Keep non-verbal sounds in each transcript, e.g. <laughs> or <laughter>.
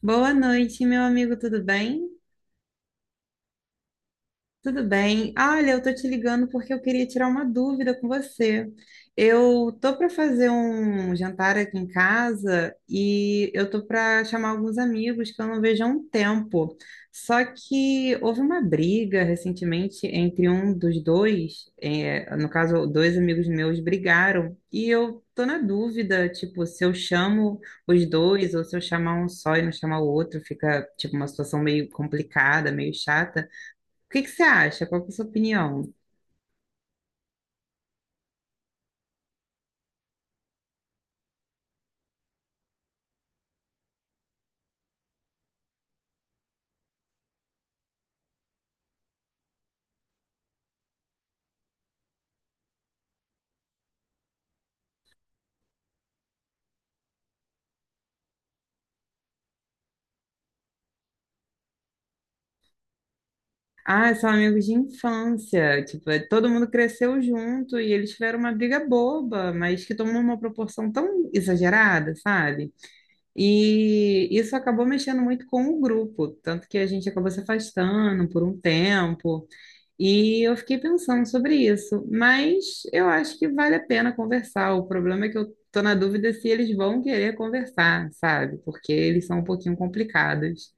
Boa noite, meu amigo, tudo bem? Tudo bem? Olha, eu tô te ligando porque eu queria tirar uma dúvida com você. Eu tô para fazer um jantar aqui em casa e eu tô para chamar alguns amigos que eu não vejo há um tempo. Só que houve uma briga recentemente entre um dos dois, é, no caso, dois amigos meus brigaram e eu tô na dúvida, tipo, se eu chamo os dois ou se eu chamar um só e não chamar o outro, fica tipo uma situação meio complicada, meio chata. O que que você acha? Qual que é a sua opinião? Ah, são amigos de infância. Tipo, todo mundo cresceu junto e eles tiveram uma briga boba, mas que tomou uma proporção tão exagerada, sabe? E isso acabou mexendo muito com o grupo, tanto que a gente acabou se afastando por um tempo. E eu fiquei pensando sobre isso, mas eu acho que vale a pena conversar. O problema é que eu tô na dúvida se eles vão querer conversar, sabe? Porque eles são um pouquinho complicados.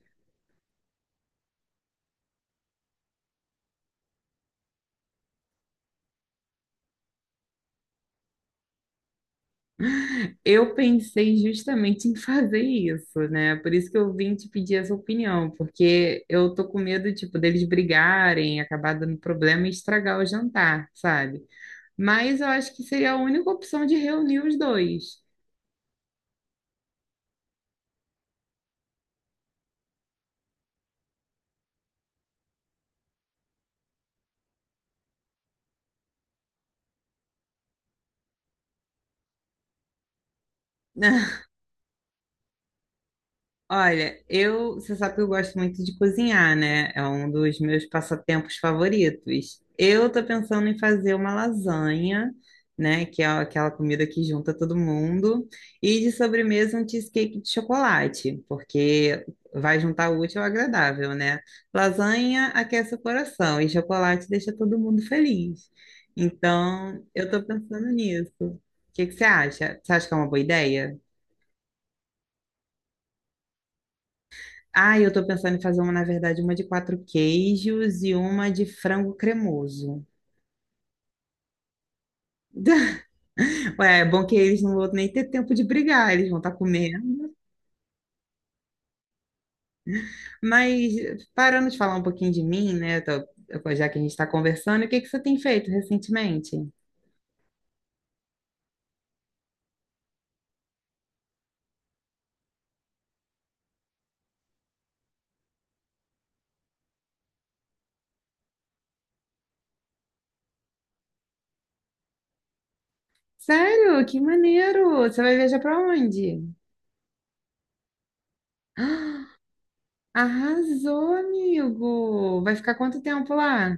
Eu pensei justamente em fazer isso, né? Por isso que eu vim te pedir essa opinião, porque eu tô com medo, tipo, deles brigarem, acabar dando problema e estragar o jantar, sabe? Mas eu acho que seria a única opção de reunir os dois. <laughs> Olha, eu, você sabe que eu gosto muito de cozinhar, né? É um dos meus passatempos favoritos. Eu tô pensando em fazer uma lasanha, né? Que é aquela comida que junta todo mundo. E de sobremesa um cheesecake de chocolate, porque vai juntar o útil ao agradável, né? Lasanha aquece o coração e chocolate deixa todo mundo feliz. Então, eu tô pensando nisso. O que que você acha? Você acha que é uma boa ideia? Ah, eu tô pensando em fazer uma, na verdade, uma de quatro queijos e uma de frango cremoso. <laughs> Ué, é bom que eles não vão nem ter tempo de brigar, eles vão estar comendo. Mas parando de falar um pouquinho de mim, né? Já que a gente está conversando, o que que você tem feito recentemente? Sério? Que maneiro! Você vai viajar para onde? <gasps> Arrasou, amigo! Vai ficar quanto tempo lá?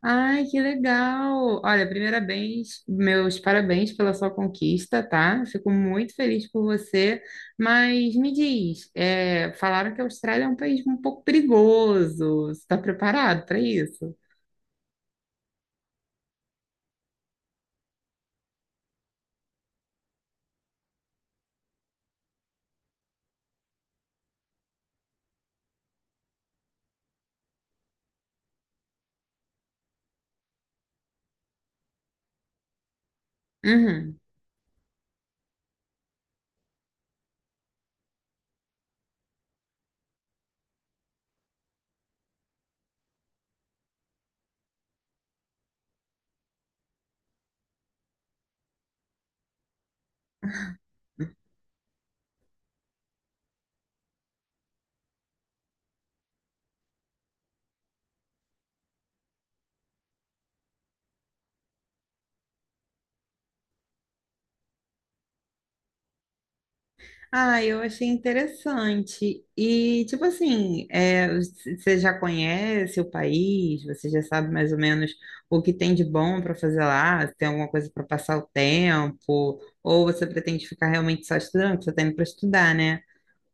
Ai, que legal! Olha, primeiramente, meus parabéns pela sua conquista, tá? Fico muito feliz por você, mas me diz, é, falaram que a Austrália é um país um pouco perigoso. Você está preparado para isso? Uhum. Ah, eu achei interessante. E, tipo assim, é, você já conhece o país? Você já sabe mais ou menos o que tem de bom para fazer lá? Se tem alguma coisa para passar o tempo? Ou você pretende ficar realmente só estudando? Porque você está indo para estudar, né?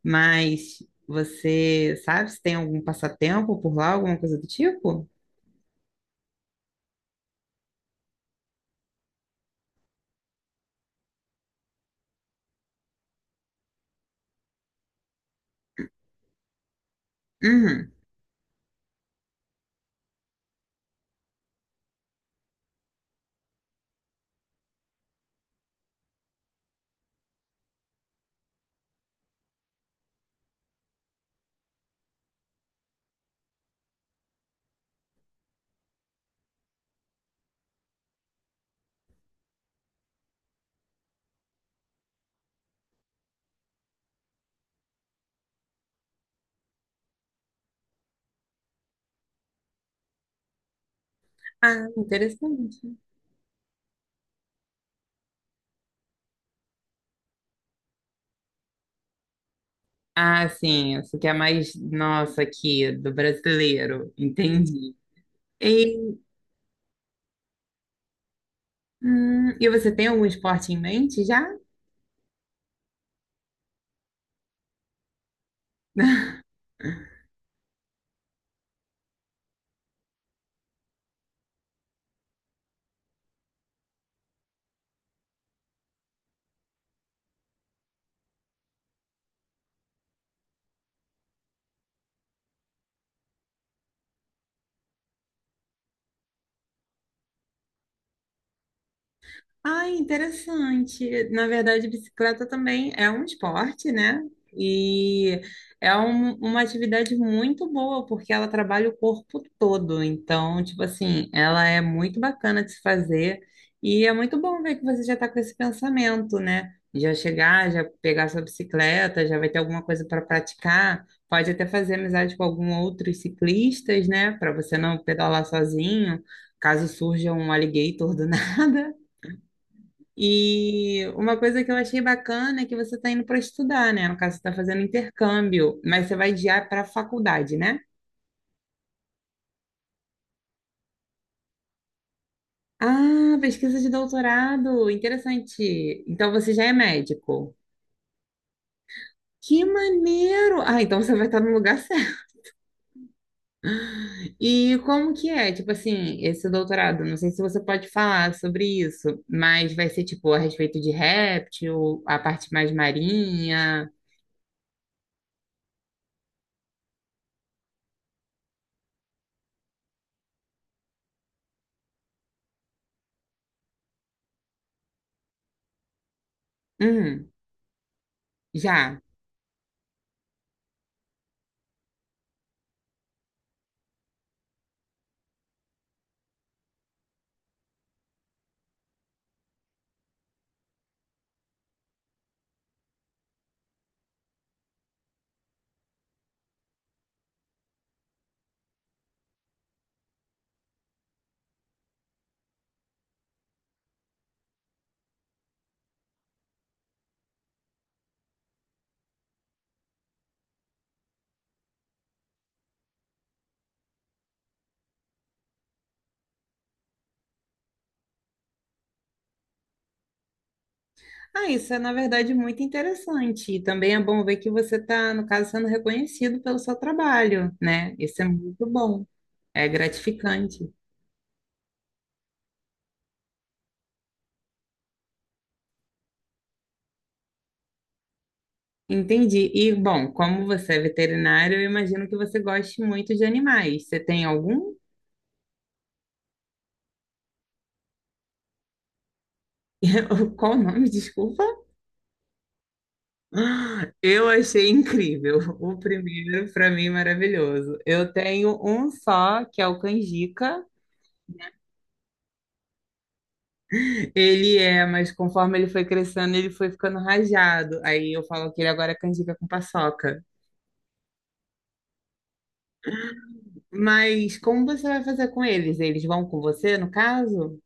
Mas você sabe se tem algum passatempo por lá, alguma coisa do tipo? Uhum. Ah, interessante. Ah, sim, isso que é mais nosso aqui, do brasileiro. Entendi. E você tem algum esporte em mente já? Ah, interessante. Na verdade, bicicleta também é um esporte, né? E é uma atividade muito boa, porque ela trabalha o corpo todo. Então, tipo assim, ela é muito bacana de se fazer. E é muito bom ver que você já está com esse pensamento, né? Já chegar, já pegar sua bicicleta, já vai ter alguma coisa para praticar. Pode até fazer amizade com algum outros ciclistas, né? Para você não pedalar sozinho, caso surja um alligator do <laughs> nada. E uma coisa que eu achei bacana é que você está indo para estudar, né? No caso, você está fazendo intercâmbio, mas você vai guiar para a faculdade, né? Ah, pesquisa de doutorado, interessante. Então você já é médico. Que maneiro! Ah, então você vai estar no lugar certo. E como que é, tipo assim, esse doutorado? Não sei se você pode falar sobre isso, mas vai ser tipo a respeito de réptil, a parte mais marinha. Hum, já. Ah, isso é, na verdade, muito interessante. E também é bom ver que você está, no caso, sendo reconhecido pelo seu trabalho, né? Isso é muito bom. É gratificante. Entendi. E, bom, como você é veterinário, eu imagino que você goste muito de animais. Você tem algum? <laughs> Qual o nome? Desculpa. Eu achei incrível. O primeiro, para mim, maravilhoso. Eu tenho um só, que é o Canjica. Ele é, mas conforme ele foi crescendo, ele foi ficando rajado. Aí eu falo que ele agora é canjica com paçoca. Mas como você vai fazer com eles? Eles vão com você, no caso?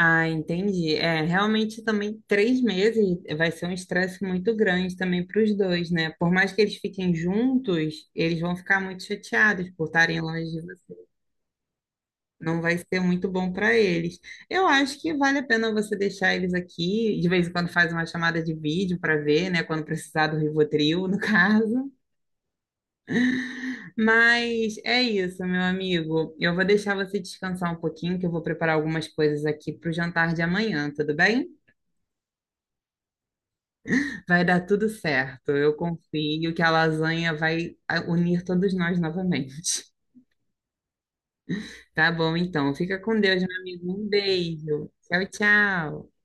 Ah, entendi. É, realmente também 3 meses vai ser um estresse muito grande também para os dois, né? Por mais que eles fiquem juntos, eles vão ficar muito chateados por estarem longe. Não vai ser muito bom para eles. Eu acho que vale a pena você deixar eles aqui, de vez em quando faz uma chamada de vídeo para ver, né, quando precisar do Rivotril, no <laughs> caso. Mas é isso, meu amigo. Eu vou deixar você descansar um pouquinho, que eu vou preparar algumas coisas aqui para o jantar de amanhã, tudo bem? Vai dar tudo certo. Eu confio que a lasanha vai unir todos nós novamente. <laughs> Tá bom, então. Fica com Deus, meu amigo. Um beijo. Tchau, tchau.